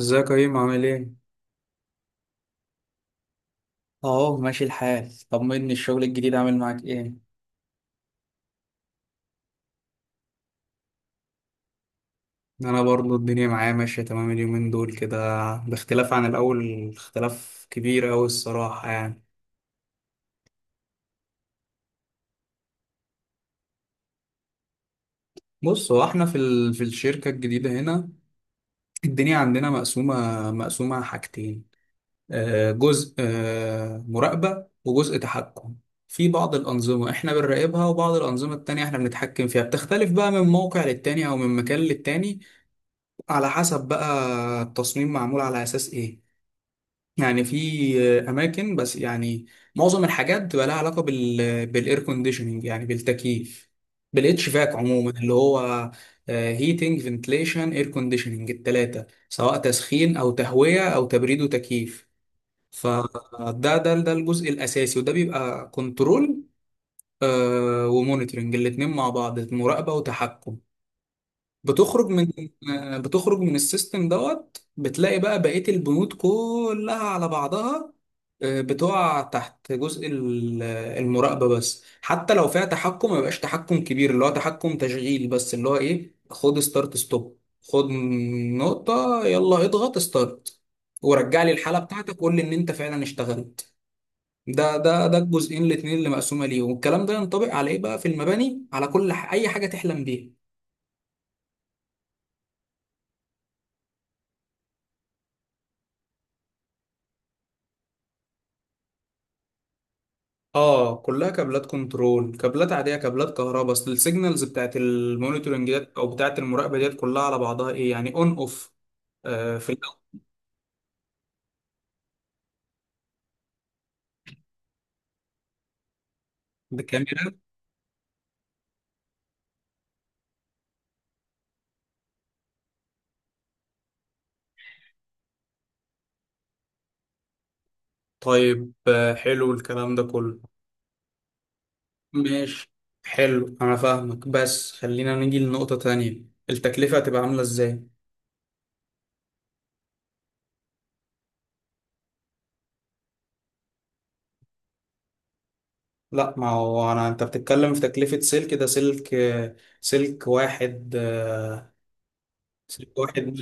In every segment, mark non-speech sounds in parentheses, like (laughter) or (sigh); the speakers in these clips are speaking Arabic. ازيك يا كريم عامل ايه؟ اهو ماشي الحال، طمني الشغل الجديد عامل معاك ايه؟ انا برضو الدنيا معايا ماشية تمام اليومين دول كده، باختلاف عن الاول اختلاف كبير اوي الصراحة يعني. بص هو احنا في الشركة الجديدة هنا الدنيا عندنا مقسومة حاجتين، جزء مراقبة وجزء تحكم. في بعض الأنظمة احنا بنراقبها وبعض الأنظمة التانية احنا بنتحكم فيها، بتختلف بقى من موقع للتاني او من مكان للتاني على حسب بقى التصميم معمول على أساس إيه. يعني في أماكن، بس يعني معظم الحاجات بتبقى لها علاقة بال بالإير كونديشننج، يعني بالتكييف، بالاتش فاك عموما، اللي هو هيتنج فنتليشن اير كونديشننج، التلاتة سواء تسخين أو تهوية أو تبريد وتكييف. فده ده ده ده الجزء الأساسي، وده بيبقى كنترول ومونيتورنج، الاتنين مع بعض مراقبة وتحكم. بتخرج من بتخرج من السيستم دوت بتلاقي بقى بقية البنود كلها على بعضها بتقع تحت جزء المراقبة بس، حتى لو فيها تحكم ما يبقاش تحكم كبير، اللي هو تحكم تشغيل بس، اللي هو ايه، خد ستارت ستوب، خد نقطة، يلا اضغط ستارت، ورجع لي الحالة بتاعتك، قول لي ان انت فعلا اشتغلت. ده الجزئين الاتنين اللي مقسومة ليه، والكلام ده ينطبق على ايه بقى في المباني على كل اي حاجة تحلم بيها. اه كلها كابلات كنترول، كابلات عاديه، كابلات كهرباء، اصل السيجنالز بتاعت المونيتورنج ديت او بتاعت المراقبه ديت كلها على بعضها ايه؟ يعني اون اوف. آه، في الاول. بالكاميرا؟ طيب آه، حلو الكلام ده كله. ماشي، حلو، انا فاهمك بس خلينا نيجي لنقطه تانية، التكلفه هتبقى عامله ازاي؟ لا ما هو انا، انت بتتكلم في تكلفه سلك، ده سلك سلك واحد سلك واحد.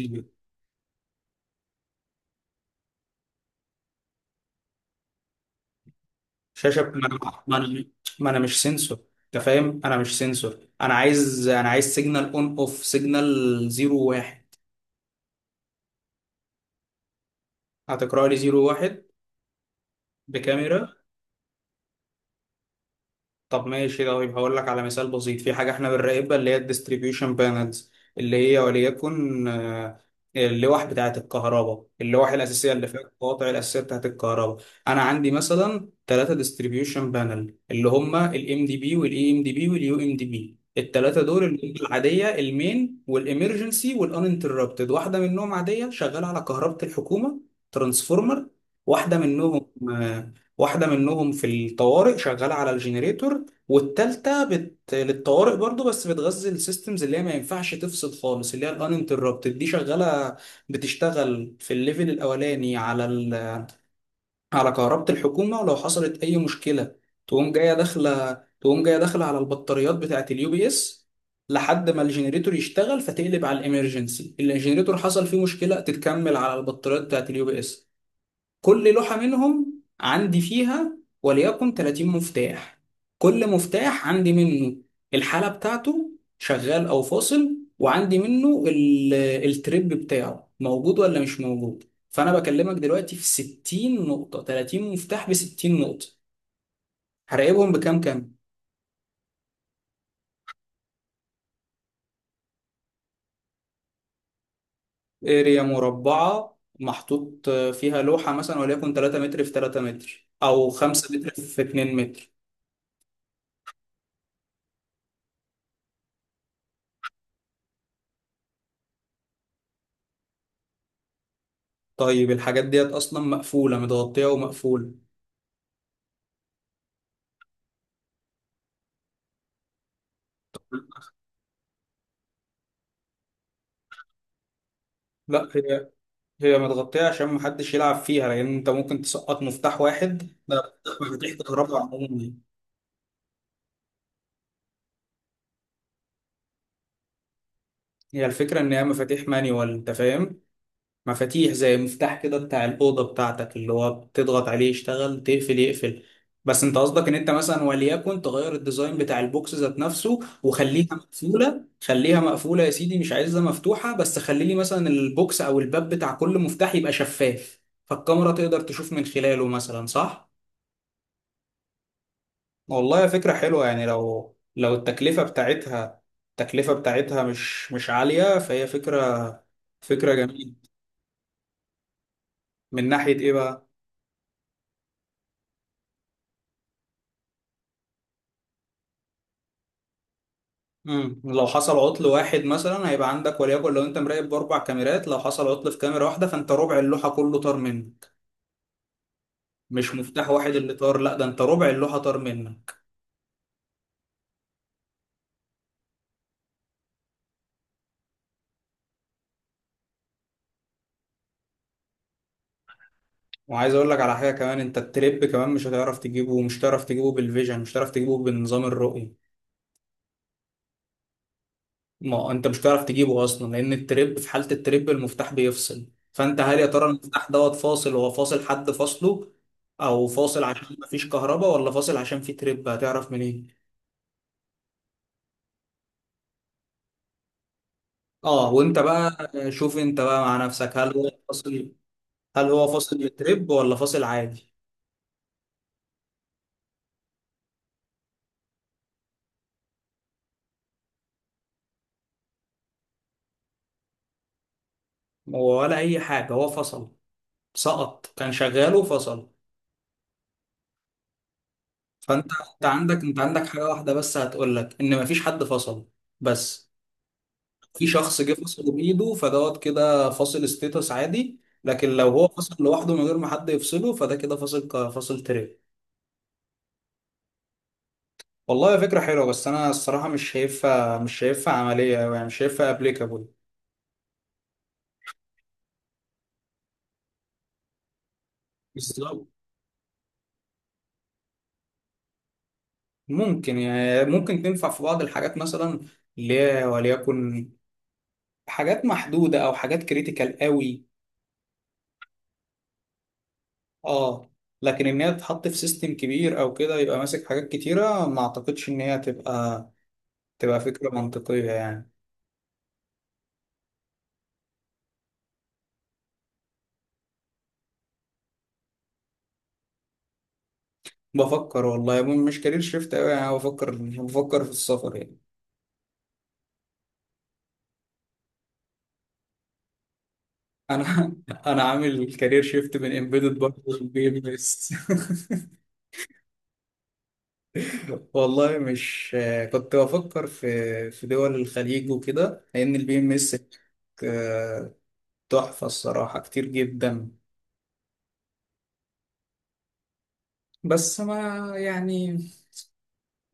شاشه، ما انا ما أنا مش سنسور، انت فاهم، انا مش سنسور. انا عايز سيجنال اون اوف، سيجنال زيرو واحد. هتقرا لي زيرو واحد؟ بكاميرا؟ طب ماشي، طيب هقول لك على مثال بسيط. في حاجة احنا بنراقبها اللي هي الديستريبيوشن بانلز، اللي هي وليكن اللوح بتاعة الكهرباء، اللوح الأساسية اللي فيها القواطع الأساسية بتاعة الكهرباء. أنا عندي مثلا ثلاثة ديستريبيوشن بانل، اللي هما ال MDB وال EMDB وال UMDB، الثلاثة دول اللي هي العادية، المين والإمرجنسي والأنتربتد. واحدة منهم عادية شغالة على كهرباء الحكومة، ترانسفورمر. واحدة منهم واحدة منهم في الطوارئ شغالة على الجنريتور، والتالتة للطوارئ برضو بس بتغذي السيستمز اللي هي ما ينفعش تفصل خالص، اللي هي الانتربتد، دي شغالة، بتشتغل في الليفل الأولاني على على كهربة الحكومة، ولو حصلت أي مشكلة تقوم جاية داخلة، على البطاريات بتاعة اليو بي اس لحد ما الجنريتور يشتغل فتقلب على الامرجنسي. الجنريتور حصل فيه مشكلة تتكمل على البطاريات بتاعة اليو بي اس. كل لوحة منهم عندي فيها وليكن 30 مفتاح، كل مفتاح عندي منه الحالة بتاعته شغال أو فاصل، وعندي منه التريب بتاعه موجود ولا مش موجود. فأنا بكلمك دلوقتي في 60 نقطة، 30 مفتاح ب 60 نقطة، هراقبهم بكام كام؟ اريا مربعة محطوط فيها لوحة مثلا وليكن 3 متر في 3 متر أو 5 متر في 2 متر. طيب الحاجات ديت أصلا مقفولة، متغطية ومقفولة. لا، هي، هي متغطية عشان محدش يلعب فيها، لأن أنت ممكن تسقط مفتاح واحد، لا، مفاتيح كهرباء عموما. هي الفكرة إن هي مفاتيح مانيوال، أنت فاهم، مفاتيح زي مفتاح كده بتاع الأوضة بتاعتك، اللي هو بتضغط عليه يشتغل، تقفل يقفل. بس أنت قصدك إن أنت مثلا وليكن تغير الديزاين بتاع البوكس ذات نفسه، وخليها مقفولة، خليها مقفولة يا سيدي، مش عايزها مفتوحة، بس خلي لي مثلا البوكس أو الباب بتاع كل مفتاح يبقى شفاف، فالكاميرا تقدر تشوف من خلاله مثلا، صح؟ والله فكرة حلوة يعني، لو التكلفة بتاعتها، التكلفة بتاعتها مش عالية فهي فكرة، فكرة جميلة. من ناحية ايه بقى؟ مم. لو حصل عطل واحد مثلا هيبقى عندك، وليكن لو انت مراقب بأربع كاميرات، لو حصل عطل في كاميرا واحدة فانت ربع اللوحة كله طار منك، مش مفتاح واحد اللي طار، لا ده انت ربع اللوحة طار منك. وعايز اقول لك على حاجة كمان، انت التريب كمان مش هتعرف تجيبه، مش هتعرف تجيبه بالفيجن، مش هتعرف تجيبه بنظام الرؤية. ما انت مش هتعرف تجيبه اصلا، لان التريب، في حاله التريب المفتاح بيفصل، فانت هل يا ترى المفتاح دوت فاصل؟ هو فاصل، حد فاصله او فاصل عشان مفيش كهرباء ولا فاصل عشان في تريب؟ هتعرف منين؟ اه وانت بقى شوف انت بقى مع نفسك، هل هو فاصل، هل هو فاصل للتريب ولا فاصل عادي. هو ولا اي حاجه هو فصل، سقط، كان شغال وفصل. فانت، انت عندك حاجه واحده بس هتقول لك ان مفيش حد فصل بس. في شخص جه فصله بايده فدوت كده فاصل ستيتس عادي، لكن لو هو فصل لوحده من غير ما حد يفصله فده كده فاصل فاصل ترند. والله فكرة حلوة بس أنا الصراحة مش شايفها، مش شايفها عملية أوي يعني، مش شايفها أبليكابل. بالظبط. ممكن يعني ممكن تنفع في بعض الحاجات مثلا، اللي هي وليكن حاجات محدودة أو حاجات كريتيكال قوي. أه. لكن إن هي تتحط في سيستم كبير أو كده يبقى ماسك حاجات كتيرة، ما أعتقدش إن هي تبقى، تبقى فكرة منطقية يعني. بفكر والله يا ابني، مش كارير شيفت قوي يعني، بفكر في السفر يعني. انا (laughs) انا عامل كارير شيفت من امبيدد برضه للبي ام اس. (laughs) والله مش، كنت بفكر في دول الخليج وكده لان البي ام اس تحفه الصراحه كتير جدا. بس ما يعني،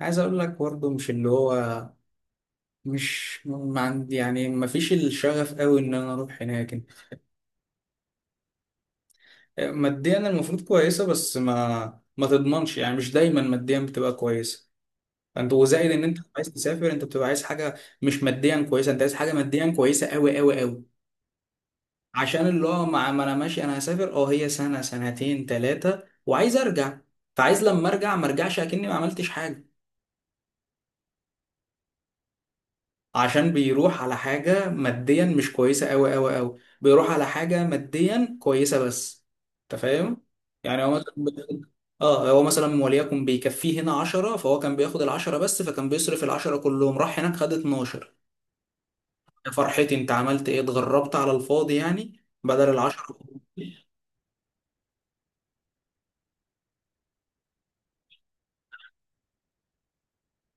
عايز اقول لك برضه، مش اللي هو، مش ما عندي يعني، ما فيش الشغف قوي ان انا اروح هناك. ماديا المفروض كويسه، بس ما تضمنش يعني، مش دايما ماديا بتبقى كويسه. انت وزائد ان انت عايز تسافر انت بتبقى عايز حاجه، مش ماديا كويسه، انت عايز حاجه ماديا كويسه قوي قوي قوي، عشان اللي هو مع ما انا ماشي انا هسافر، اه هي سنه سنتين ثلاثه وعايز ارجع، فعايز لما ارجع ما ارجعش اكني ما عملتش حاجه. عشان بيروح على حاجة ماديا مش كويسة أوي أوي أوي، بيروح على حاجة ماديا كويسة بس، أنت فاهم؟ يعني هو مثلا بياخد، اه هو مثلا وليكن بيكفيه هنا 10، فهو كان بياخد العشرة بس، فكان بيصرف العشرة كلهم، راح هناك خد 12، يا فرحتي، انت عملت ايه؟ اتغربت على الفاضي يعني بدل العشرة.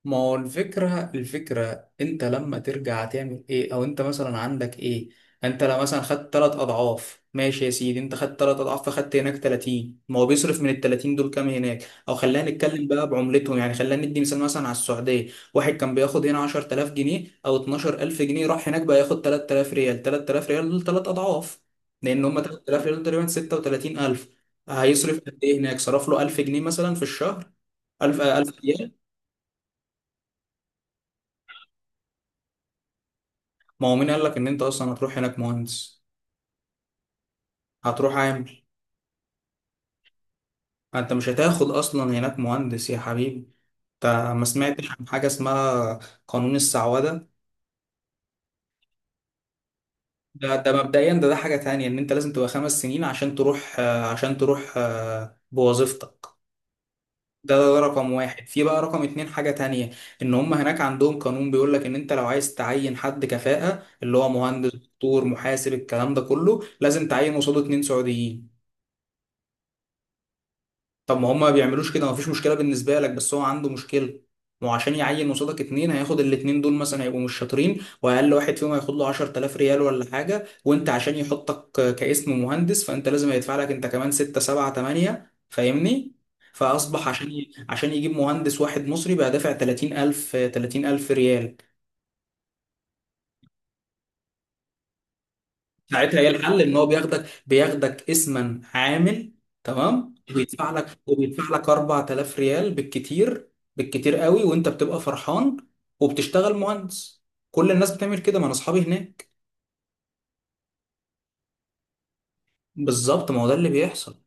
ما هو الفكرة، الفكرة انت لما ترجع تعمل ايه، او انت مثلا عندك ايه؟ انت لو مثلا خدت تلات اضعاف ماشي يا سيدي، انت خدت تلات اضعاف فخدت هناك 30، ما هو بيصرف من ال 30 دول كام هناك؟ او خلينا نتكلم بقى بعملتهم يعني، خلينا ندي مثال مثلا على السعودية. واحد كان بياخد هنا 10000 جنيه او 12000 جنيه، راح هناك بقى ياخد 3000 ريال، 3000 ريال دول تلات اضعاف، لان هم 3000 ريال دول تقريبا 36000. هيصرف قد ايه هناك؟ صرف له 1000 جنيه مثلا في الشهر، 1000، 1000 ريال. ما هو مين قال لك ان انت اصلا هتروح هناك مهندس؟ هتروح عامل. انت مش هتاخد اصلا هناك مهندس يا حبيبي. انت ما سمعتش عن حاجه اسمها قانون السعوده؟ ده مبدئيا، ده حاجه تانية، ان انت لازم تبقى خمس سنين عشان تروح عشان تروح بوظيفتك. ده رقم واحد. في بقى رقم اتنين حاجة تانية، ان هم هناك عندهم قانون بيقول لك ان انت لو عايز تعين حد كفاءة اللي هو مهندس دكتور محاسب الكلام ده كله، لازم تعين قصاده اتنين سعوديين. طب ما هما ما بيعملوش كده مفيش مشكله بالنسبه لك، بس هو عنده مشكله. ما هو عشان يعين قصادك اتنين هياخد الاتنين دول مثلا، هيبقوا مش شاطرين، واقل واحد فيهم هياخد له 10000 ريال ولا حاجه، وانت عشان يحطك كاسم مهندس فانت لازم هيدفع لك انت كمان 6 7 8، فاهمني؟ فاصبح عشان عشان يجيب مهندس واحد مصري بقى دافع 30000، 30000 ريال. ساعتها ايه الحل؟ ان هو بياخدك، بياخدك اسما عامل، تمام، وبيدفع لك، وبيدفع لك 4000 ريال بالكتير، بالكتير قوي، وانت بتبقى فرحان وبتشتغل مهندس، كل الناس بتعمل كده، ما انا اصحابي هناك. بالظبط، ما هو ده اللي بيحصل.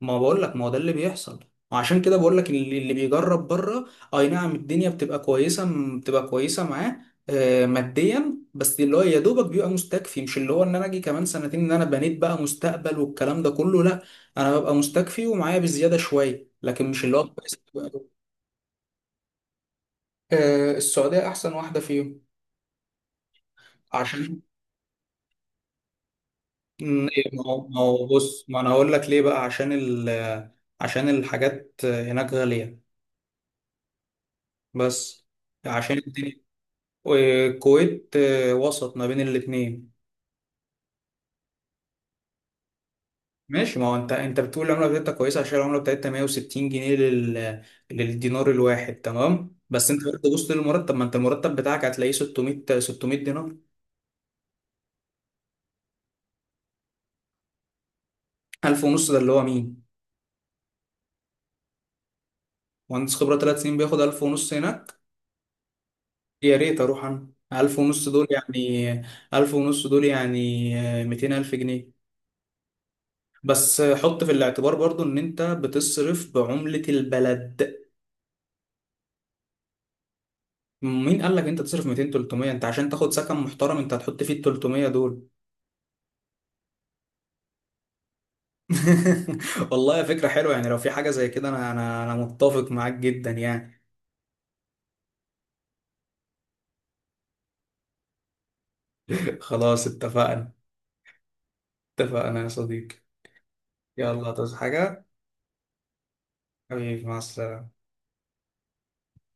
ما بقول لك ما هو ده اللي بيحصل، وعشان كده بقول لك اللي بيجرب بره، اي نعم الدنيا بتبقى كويسه بتبقى كويسه معاه ماديا بس، اللي هو يا دوبك بيبقى مستكفي، مش اللي هو ان انا اجي كمان سنتين ان انا بنيت بقى مستقبل والكلام ده كله، لا، انا ببقى مستكفي ومعايا بزياده شويه لكن مش اللي هو كويس بقى. آه، السعوديه احسن واحده فيهم. عشان م- ما هو بص ما انا هقول لك ليه بقى، عشان الحاجات هناك غاليه بس، عشان الدنيا. والكويت وسط ما بين الاتنين. ماشي، ما هو انت انت بتقول العمله بتاعتها كويسه عشان العمله بتاعتها 160 جنيه للدينار الواحد، تمام، بس انت برضه بص للمرتب، ما انت المرتب بتاعك هتلاقيه 600، 600 دينار. 1000 ونص ده اللي هو مين؟ مهندس خبره ثلاث سنين بياخد 1000 ونص هناك؟ يا ريت اروح انا. 1000 ونص دول يعني، 1000 ونص دول يعني 200000 جنيه. بس حط في الاعتبار برضو ان انت بتصرف بعمله البلد. مين قال لك انت تصرف 200، 300؟ انت عشان تاخد سكن محترم انت هتحط فيه ال 300 دول. (laughs) والله فكرة حلوة يعني لو في حاجة زي كده، انا متفق معاك جدا يعني. (laughs) خلاص اتفقنا. اتفقنا يا صديقي. يلا تصحى حاجة. حبيبي مع السلامة.